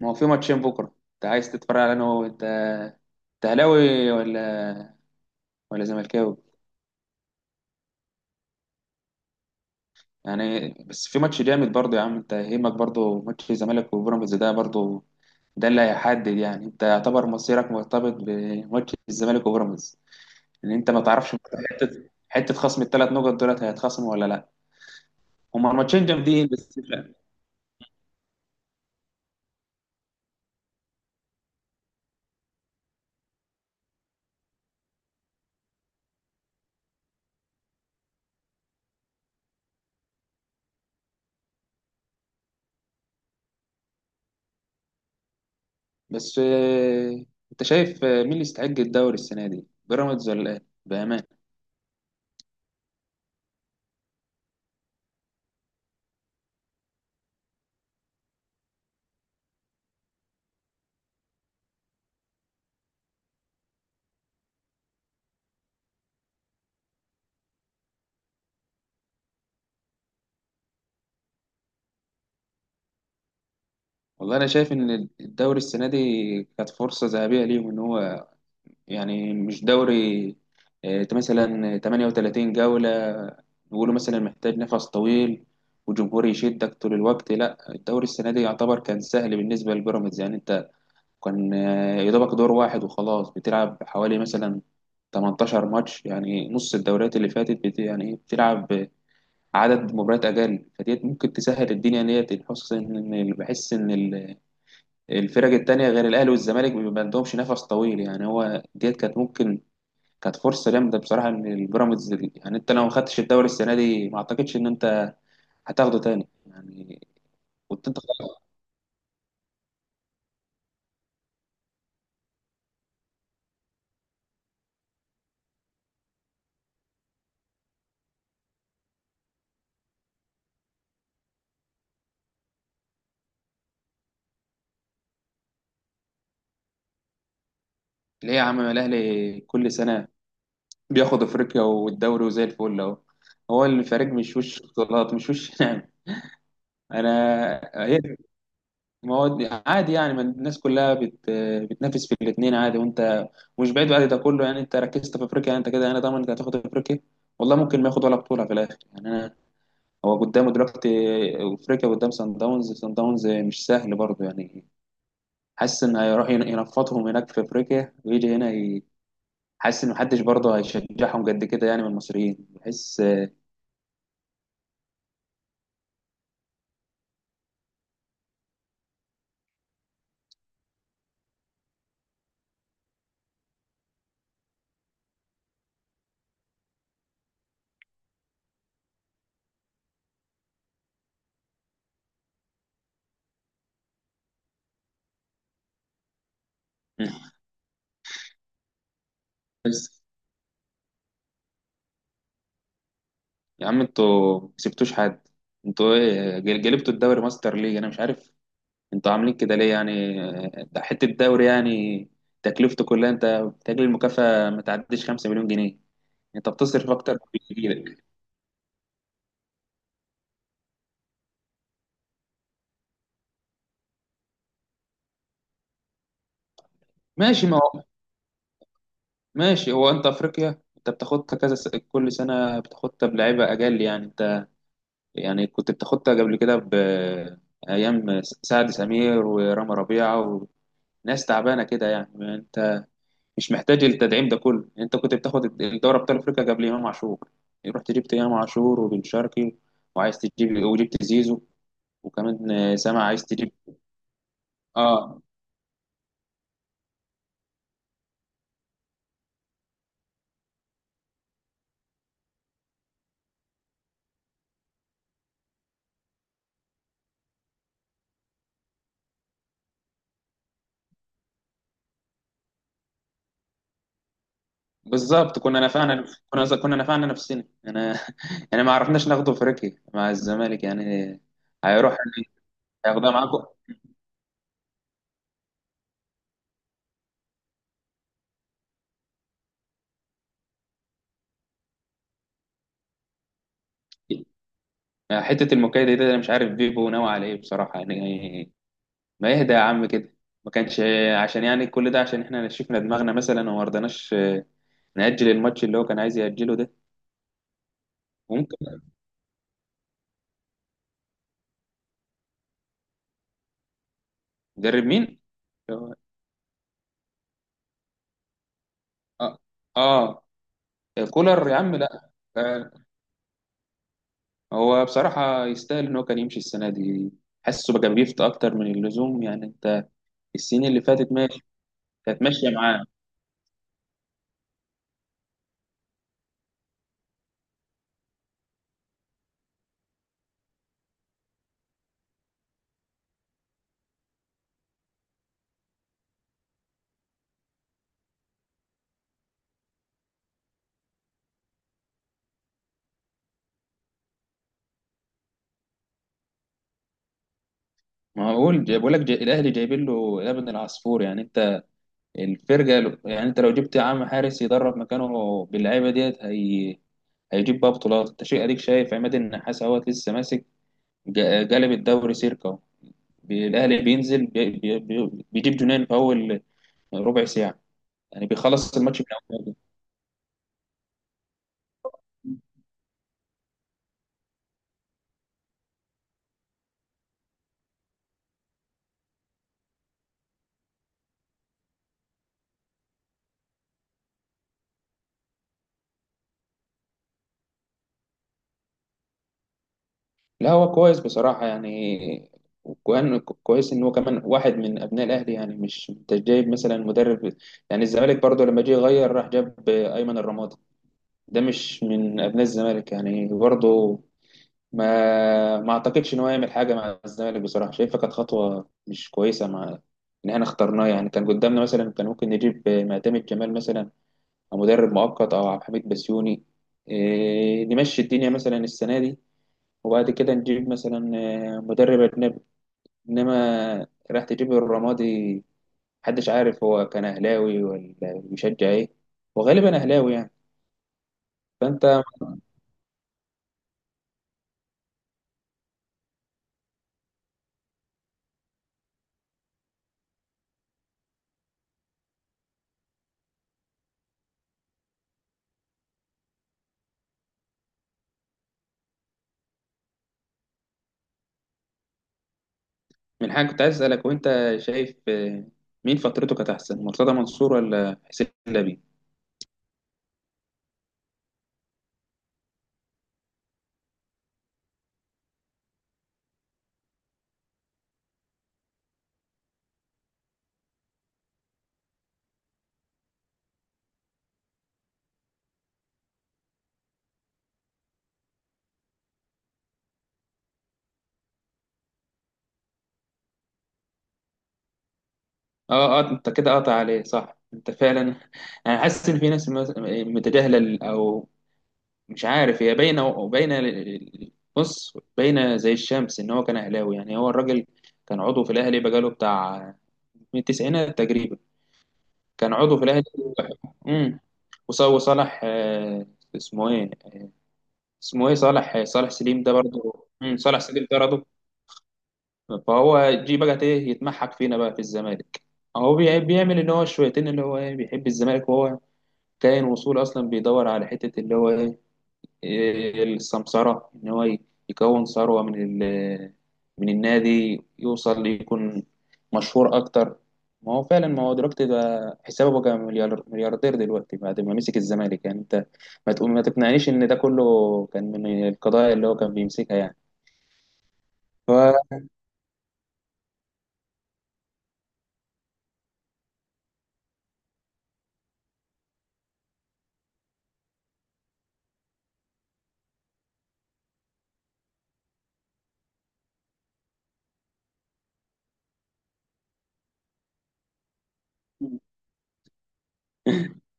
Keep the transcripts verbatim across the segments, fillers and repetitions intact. ما هو في ماتشين بكرة. انت عايز تتفرج على انا هو انت انت اهلاوي ولا ولا زملكاوي؟ يعني بس في ماتش جامد برضه يا عم، انت يهمك برضه ماتش الزمالك وبيراميدز ده برضه، ده اللي هيحدد. يعني انت يعتبر مصيرك مرتبط بماتش الزمالك وبيراميدز، ان انت ما تعرفش حته حته خصم الثلاث نقط دولت هيتخصموا ولا لا. هما الماتشين جامدين بس. بس اه، انت شايف، اه، مين اللي يستحق الدوري السنه دي، بيراميدز ولا ايه بامانه؟ والله انا شايف ان الدوري السنه دي كانت فرصه ذهبيه ليهم ان هو، يعني مش دوري آه، مثلا تمانية وتلاتين جوله نقوله مثلا محتاج نفس طويل وجمهور يشدك طول الوقت. لا الدوري السنه دي يعتبر كان سهل بالنسبه للبيراميدز، يعني انت كان آه، يا دوبك دور واحد وخلاص، بتلعب حوالي مثلا تمنتاشر ماتش، يعني نص الدوريات اللي فاتت بت يعني بتلعب عدد مباريات اقل. فديت ممكن تسهل الدنيا، ديت بحس ان بحس ان ال- الفرق التانية غير الأهلي والزمالك ما عندهمش نفس طويل، يعني هو ديت كانت ممكن، كانت فرصة جامدة بصراحة إن البيراميدز، يعني أنت لو ما خدتش الدوري السنة دي ما أعتقدش إن أنت هتاخده تاني يعني. كنت أنت خلاص. ليه يا عم الأهلي كل سنة بياخد أفريقيا والدوري وزي الفل أهو؟ هو الفريق مش وش بطولات، مش وش نعم. أنا هي، ما هو عادي يعني، ما الناس كلها بت... بتنافس في الاثنين عادي. وانت مش بعيد بعد ده كله يعني، انت ركزت في افريقيا، يعني انت كده يعني ضامن انت هتاخد افريقيا؟ والله ممكن ما ياخد ولا بطوله في الاخر يعني. انا هو قدامه دلوقتي افريقيا، قدام سان داونز، سان داونز مش سهل برضه يعني. حاسس ان هيروح ين- ينفضهم هناك في افريقيا ويجي هنا ي... حاسس ان محدش برضه هيشجعهم قد كده يعني من المصريين، بحس. بس يا عم انتوا ما كسبتوش حد. انتوا ايه جل- جلبتوا الدوري ماستر ليج؟ انا مش عارف انتوا عاملين كده ليه يعني. آه، ده حتة دوري يعني، تكلفته كلها، انت بتجري، المكافأة ما تعديش خمسة مليون جنيه، انت بتصرف اكتر من اللي بيجيلك. ماشي، ما هو ماشي. هو انت افريقيا انت بتاخدها كذا س... كل سنة بتاخدها بلعيبة اجل يعني، انت يعني كنت بتاخدها قبل كده ب ايام سعد سمير ورامي ربيعة وناس تعبانة كده يعني. انت مش محتاج التدعيم ده كله يعني، انت كنت بتاخد الدوري ابطال افريقيا قبل امام عاشور. رحت جبت امام عاشور وبن شرقي، وعايز تجيب، وجبت زيزو، وكمان آه، سامع عايز تجيب. اه بالظبط، كنا نفعنا كنا كنا نفعنا نفسنا انا انا ما عرفناش ناخده افريقيا مع الزمالك يعني. هيروح هياخدها معاكم. حته المكايده دي انا مش عارف بيبو ناوي على ايه بصراحه يعني. ما يهدى يا عم كده، ما كانش، عشان يعني كل ده عشان احنا شفنا دماغنا مثلا وما رضناش نأجل الماتش اللي هو كان عايز يأجله ده. ممكن، مدرب مين؟ اه اه، كولر يا عم لا آه، هو بصراحة يستاهل ان هو كان يمشي السنة دي. حاسه بقى بيفت اكتر من اللزوم يعني انت، السنين اللي فاتت ماشي، كانت ماشية معاه. ما هقول، بقول لك جاي- الاهلي جايبين له يا ابن العصفور يعني. انت الفرقة لو- يعني انت لو جبت يا عم حارس يدرب مكانه باللعيبة ديت هي، هيجيب بقى بطولات. انت شيء اديك شايف عماد النحاس اهوت لسه ماسك، جا- جلب الدوري سيركا اهو. بي- الاهلي بينزل بي- بي- بي- بيجيب جنان في اول، يعني ربع ساعة، يعني بيخلص الماتش من أوله. لا هو كويس بصراحة يعني، وكمان كويس إن هو كمان واحد من أبناء الأهلي يعني، مش أنت جايب مثلا مدرب. يعني الزمالك برضه لما جه يغير راح جاب أيمن الرمادي، ده مش من أبناء الزمالك يعني برضه، ما ما أعتقدش إن هو يعمل حاجة مع الزمالك بصراحة. شايفها كانت خطوة مش كويسة مع إن إحنا اخترناه يعني. كان قدامنا مثلا، كان ممكن نجيب معتمد جمال مثلا مدرب مؤقت او عبد الحميد بسيوني، إيه، نمشي الدنيا مثلا السنه دي، وبعد كده نجيب مثلا آه، مدرب اجنبي. انما راح تجيب الرمادي، محدش عارف هو كان اهلاوي ولا بيشجع ايه، وغالبا اهلاوي يعني. فانت، من حاجه كنت عايز اسالك، وانت شايف آه، مين فترته كانت احسن، مرتضى منصور ولا حسين لبيب؟ اه اه انت كده قاطع عليه صح، انت فعلا انا حاسس ان في ناس مس- متجاهله ال- او مش عارف، هي باينه، باينه ل- بص باينه زي الشمس ان هو كان اهلاوي يعني. هو الراجل كان عضو في الاهلي بقاله بتاع، من التسعينات تقريبا كان عضو في الاهلي. امم وص- وصالح آه، اسمه ايه، اسمه ايه صالح، صالح سليم ده برضه، امم صالح سليم ده برضه. فهو جه بقى ايه يتمحك فينا بقى في الزمالك. هو بي- بيعمل ان هو شويتين اللي هو ايه بيحب الزمالك، وهو كائن وصول اصلا، بيدور على حته اللي هو ايه السمسرة، إن هو يكون ثروة من ال، من النادي، يوصل، يكون مشهور أكتر. ما هو فعلا، ما هو دلوقتي بقى حسابه بقى مليار، ملياردير دلوقتي بعد ما مسك الزمالك يعني. أنت ما تقول، ما تقنعنيش إن ده كله كان من القضايا اللي هو كان بيمسكها يعني. ف-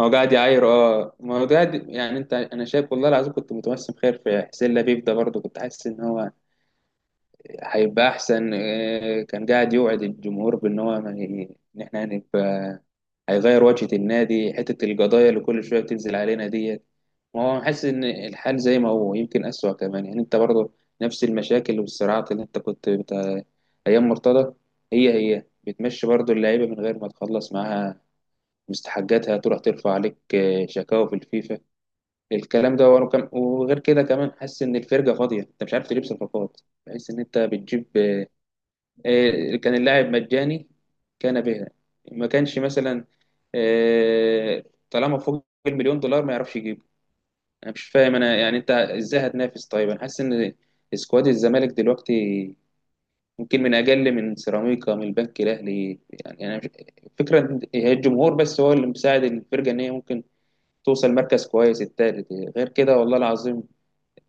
هو قاعد يعاير. اه، ما هو قاعد يعني انت، انا شايف والله العظيم كنت متوسم خير في حسين لبيب ده برضه، كنت حاسس ان هو هيبقى احسن. آه، كان قاعد يوعد الجمهور بان هو ما ي- ان احنا هنبقى، هيغير وجهة النادي، حتة القضايا اللي كل شوية بتنزل علينا ديت. ما هو حاسس ان الحال زي ما هو، يمكن اسوأ كمان يعني انت برضه نفس المشاكل والصراعات اللي انت كنت بتا... ايام مرتضى هي هي، بتمشي برضه اللعيبة من غير ما تخلص معاها مستحقاتها، تروح ترفع عليك آه، شكاوى في الفيفا الكلام ده. ورا كم- وغير كده كمان، حاسس ان الفرقة فاضية، انت مش عارف تجيب صفقات، تحس ان انت بتجيب آه، كان اللاعب مجاني كان بها، ما كانش مثلا آه، طالما فوق المليون دولار ما يعرفش يجيبه. انا مش فاهم انا يعني، انت ازاي هتنافس طيب؟ انا حاسس ان سكواد الزمالك دلوقتي ممكن من اجل من سيراميكا، من البنك الاهلي يعني. انا مش... فكره إن هي الجمهور بس هو اللي مساعد الفرقه ان هي ممكن توصل مركز كويس التالت، غير كده والله العظيم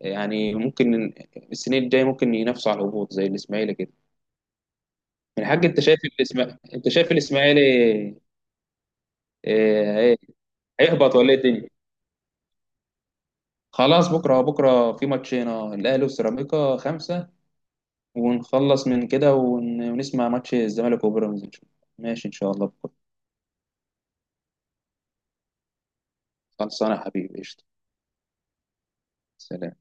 يعني ممكن السنين الجايه ممكن ينافسوا على الهبوط زي الاسماعيلي كده. من حق، انت شايف الاسماعيلي، انت شايف الاسماعيلي إيه... إيه... هيهبط ولا ايه الدنيا؟ خلاص، بكره بكره في ماتشين، اه الاهلي وسيراميكا خمسه، ونخلص من كده ون... ونسمع ماتش الزمالك وبيراميدز ان شاء الله. ماشي ان شاء الله بكره. خلصانه يا حبيبي، قشطه. سلام.